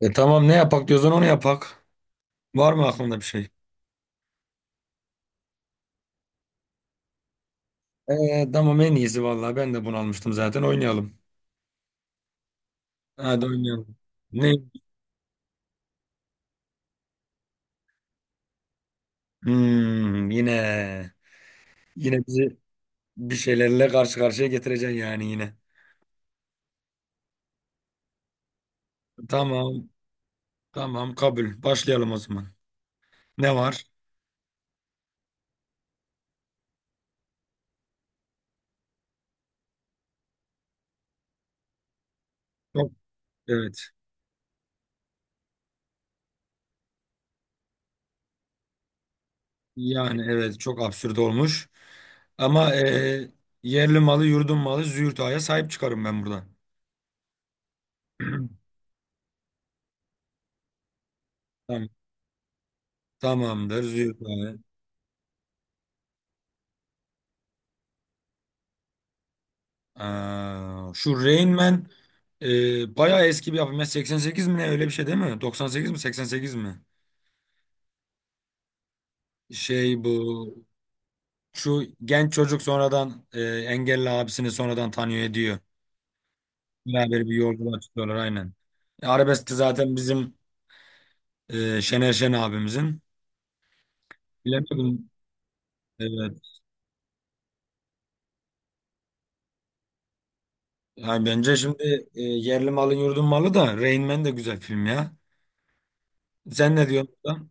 Tamam ne yapak diyorsan onu yapak. Var mı aklında bir şey? Tamam en iyisi vallahi ben de bunu almıştım zaten oynayalım. Hadi oynayalım. Ne? Hmm, yine bizi bir şeylerle karşı karşıya getireceksin yani yine. Tamam tamam kabul. Başlayalım o zaman. Ne var? Çok, evet. Yani evet çok absürt olmuş. Ama yerli malı yurdun malı Züğürt Ağa'ya sahip çıkarım ben burada. Tamam. Tamamdır Züğürt Ağa. Şu Rain Man bayağı eski bir yapım. Ya 88 mi ne öyle bir şey değil mi? 98 mi 88 mi? Şey bu şu genç çocuk sonradan engelli abisini sonradan tanıyor ediyor. Beraber bir yolculuğa çıkıyorlar aynen. Arabesk de zaten bizim Şener Şen abimizin. Bilemedim. Evet. Yani bence şimdi yerli malın yurdun malı da Rain Man de güzel film ya. Sen ne diyorsun? Lan?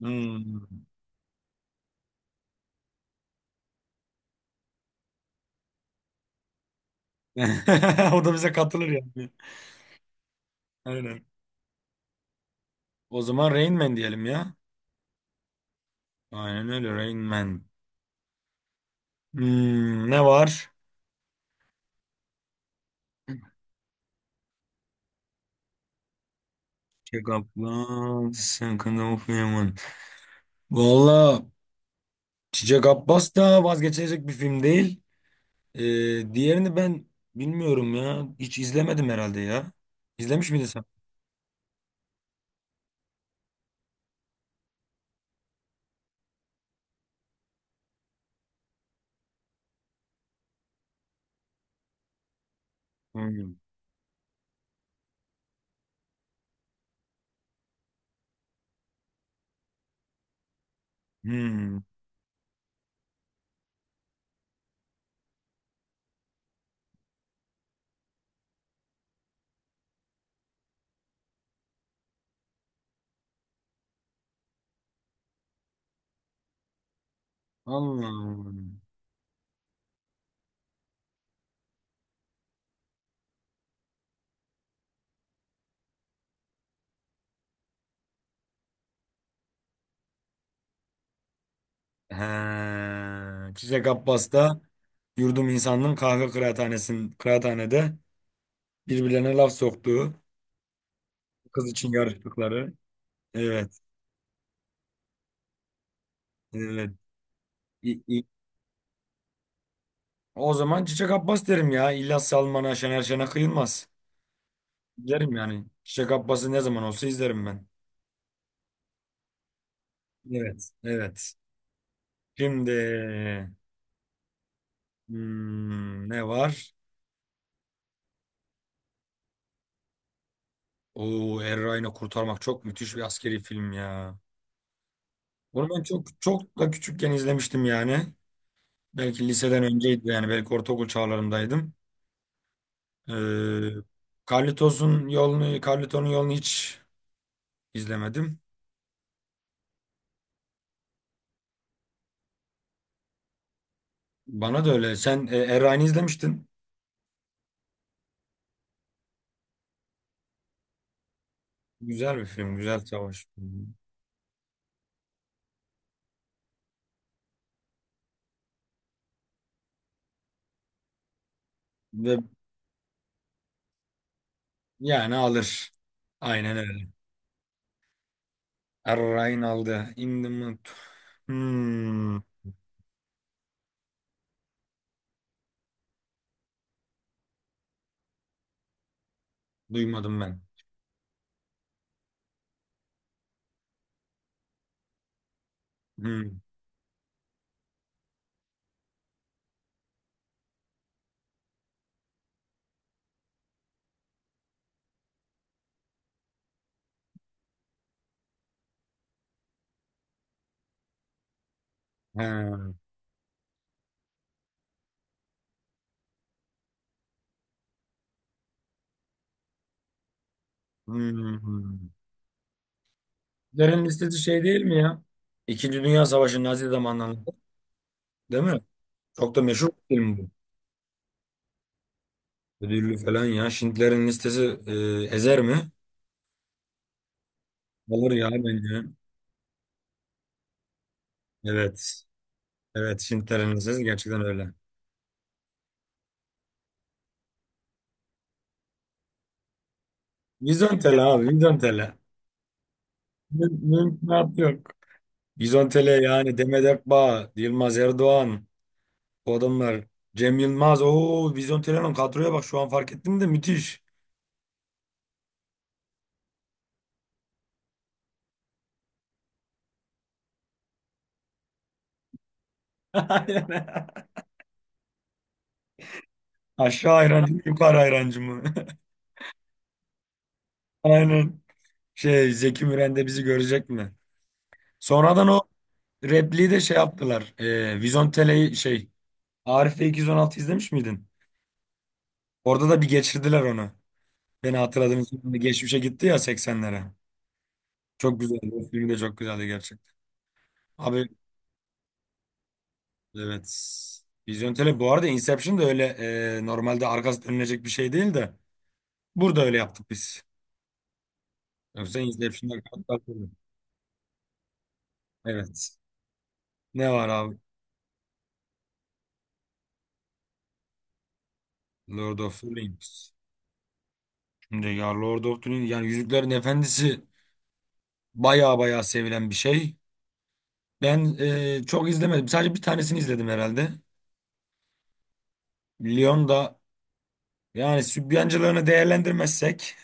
Hmm. O da bize katılır yani. Aynen. O zaman Rain Man diyelim ya. Aynen öyle Rain Man. Hmm, ne var? Çiçek Abbas, Second of Human. Valla Çiçek Abbas da vazgeçilecek bir film değil. Diğerini ben bilmiyorum ya. Hiç izlemedim herhalde ya. İzlemiş miydin sen? Hmm. Hmm. Allah'ım. He. Çiçek Abbas da yurdum insanının kahve kıraathanesin, kıraathanede birbirlerine laf soktuğu, kız için yarıştıkları. Evet. Evet. İ- i- O zaman Çiçek Abbas derim ya. İlyas Salman'a, Şener Şen'e kıyılmaz. Derim yani. Çiçek Abbas'ı ne zaman olsa izlerim ben. Evet. Evet. Şimdi hmm, ne var? Oo, Erray'ını kurtarmak çok müthiş bir askeri film ya. Bunu ben çok çok da küçükken izlemiştim yani. Belki liseden önceydi yani. Belki ortaokul çağlarımdaydım. Ee, Carlito'nun yolunu hiç izlemedim. Bana da öyle. Sen Erray'ını izlemiştin. Güzel bir film, güzel savaş filmi. Ve yani alır. Aynen öyle. Errain aldı. In the Mood. Hmm, duymadım ben. Hmm. Ha, hmm. Derin listesi şey değil mi ya? İkinci Dünya Savaşı Nazi zamanlarında. Değil mi? Çok da meşhur bir film bu. Ödüllü falan ya. Schindler'in listesi ezer mi? Alır ya bence. Evet. Evet, Schindler'in listesi gerçekten öyle. Vizyon tele abi, vizyon tele. Mümkünat yok. Bizontele yani Demet Akbağ, Yılmaz Erdoğan o adamlar. Cem Yılmaz. Oo Bizontele'nin kadroya bak şu an fark ettim de müthiş. Aynen. Aşağı hayrancı mı yukarı hayrancı mı? Aynen. Şey Zeki Müren de bizi görecek mi? Sonradan o repliği de şey yaptılar. Vizontele'yi şey Arif Bey 216 izlemiş miydin? Orada da bir geçirdiler onu. Beni hatırladığınız için geçmişe gitti ya 80'lere. Çok güzeldi. O film de çok güzeldi gerçekten. Abi evet. Vizyon tele bu arada Inception da öyle normalde arkası dönülecek bir şey değil de burada öyle yaptık biz. Yoksa Inception'da arkası dönülecek. Evet. Ne var abi? Lord of the Rings. Şimdi ya Lord of the Rings yani Yüzüklerin Efendisi baya baya sevilen bir şey. Ben çok izlemedim. Sadece bir tanesini izledim herhalde. Lyon'da yani sübyancılarını değerlendirmezsek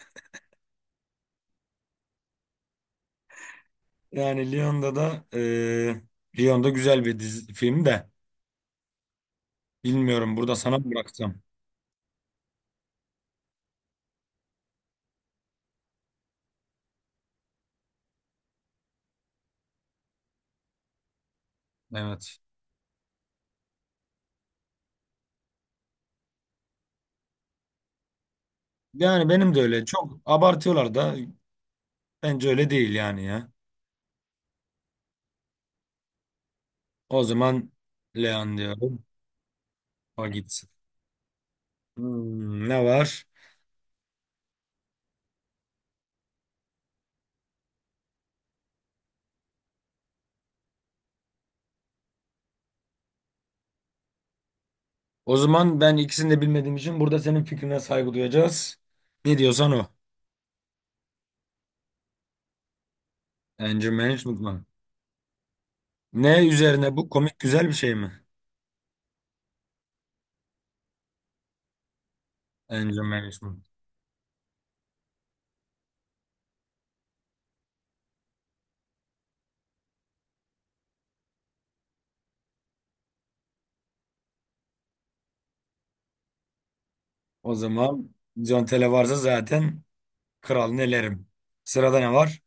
yani Lyon'da da Lyon'da güzel bir dizi, film de bilmiyorum burada sana mı bıraksam. Evet. Yani benim de öyle. Çok abartıyorlar da bence öyle değil yani ya. O zaman Leon diyorum. O gitsin. Hmm, ne var? O zaman ben ikisini de bilmediğim için burada senin fikrine saygı duyacağız. Ne diyorsan o. Anger management mı? Ne üzerine bu? Komik güzel bir şey mi? Anger management. O zaman John Tele varsa zaten kralını elerim. Sırada ne var?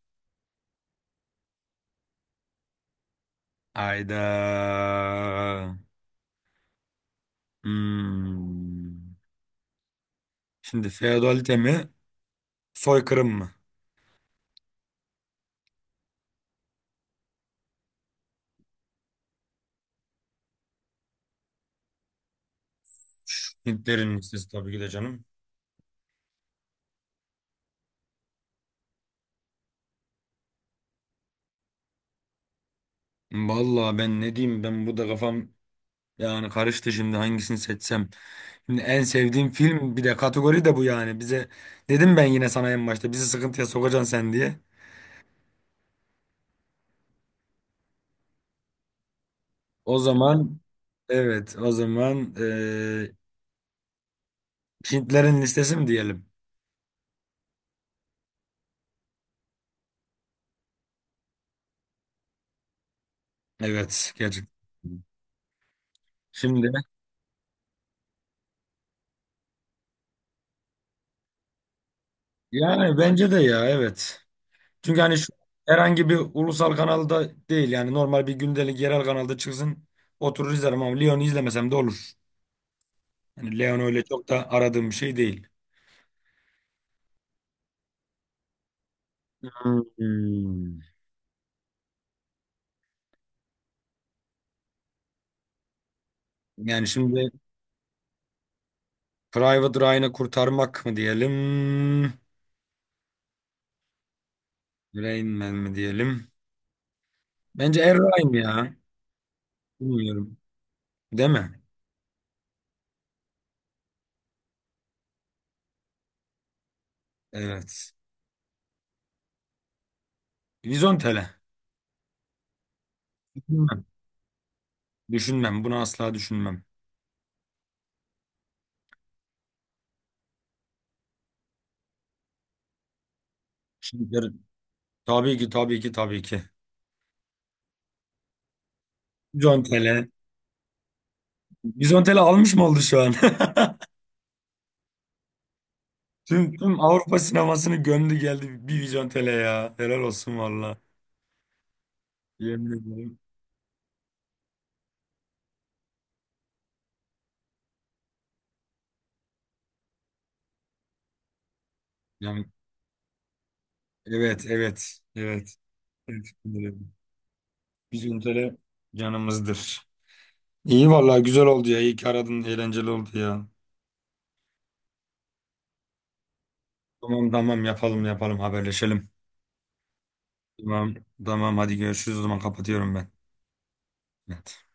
Ayda. Hmm. Şimdi feodalite mi? Soykırım mı? Hintlerin listesi tabii ki de canım. Vallahi ben ne diyeyim ben bu da kafam yani karıştı şimdi hangisini seçsem. Şimdi en sevdiğim film bir de kategori de bu yani. Bize dedim ben yine sana en başta bizi sıkıntıya sokacaksın sen diye. O zaman evet o zaman Hintlerin listesi mi diyelim? Evet gerçekten. Şimdi yani bence de ya evet. Çünkü hani şu herhangi bir ulusal kanalda değil yani normal bir gündelik yerel kanalda çıksın oturur izlerim ama Lyon'u izlemesem de olur. Yani Leon öyle çok da aradığım bir şey değil. Hmm. Yani şimdi Private Ryan'ı kurtarmak mı diyelim? Rain Man mi diyelim? Bence Er Ryan ya. Bilmiyorum. Değil mi? Evet. Vizontele. Düşünmem. Düşünmem. Bunu asla düşünmem. Şimdi tabii ki. Vizontele. Vizontele almış mı oldu şu an? Tüm Avrupa sinemasını gömdü geldi bir vizyon tele ya. Helal olsun valla. Yemin ederim. Yani evet. Evet, yemin ederim. Vizyon tele canımızdır. İyi valla güzel oldu ya. İyi ki aradın. Eğlenceli oldu ya. Tamam yapalım haberleşelim. Tamam tamam hadi görüşürüz o zaman kapatıyorum ben. Evet.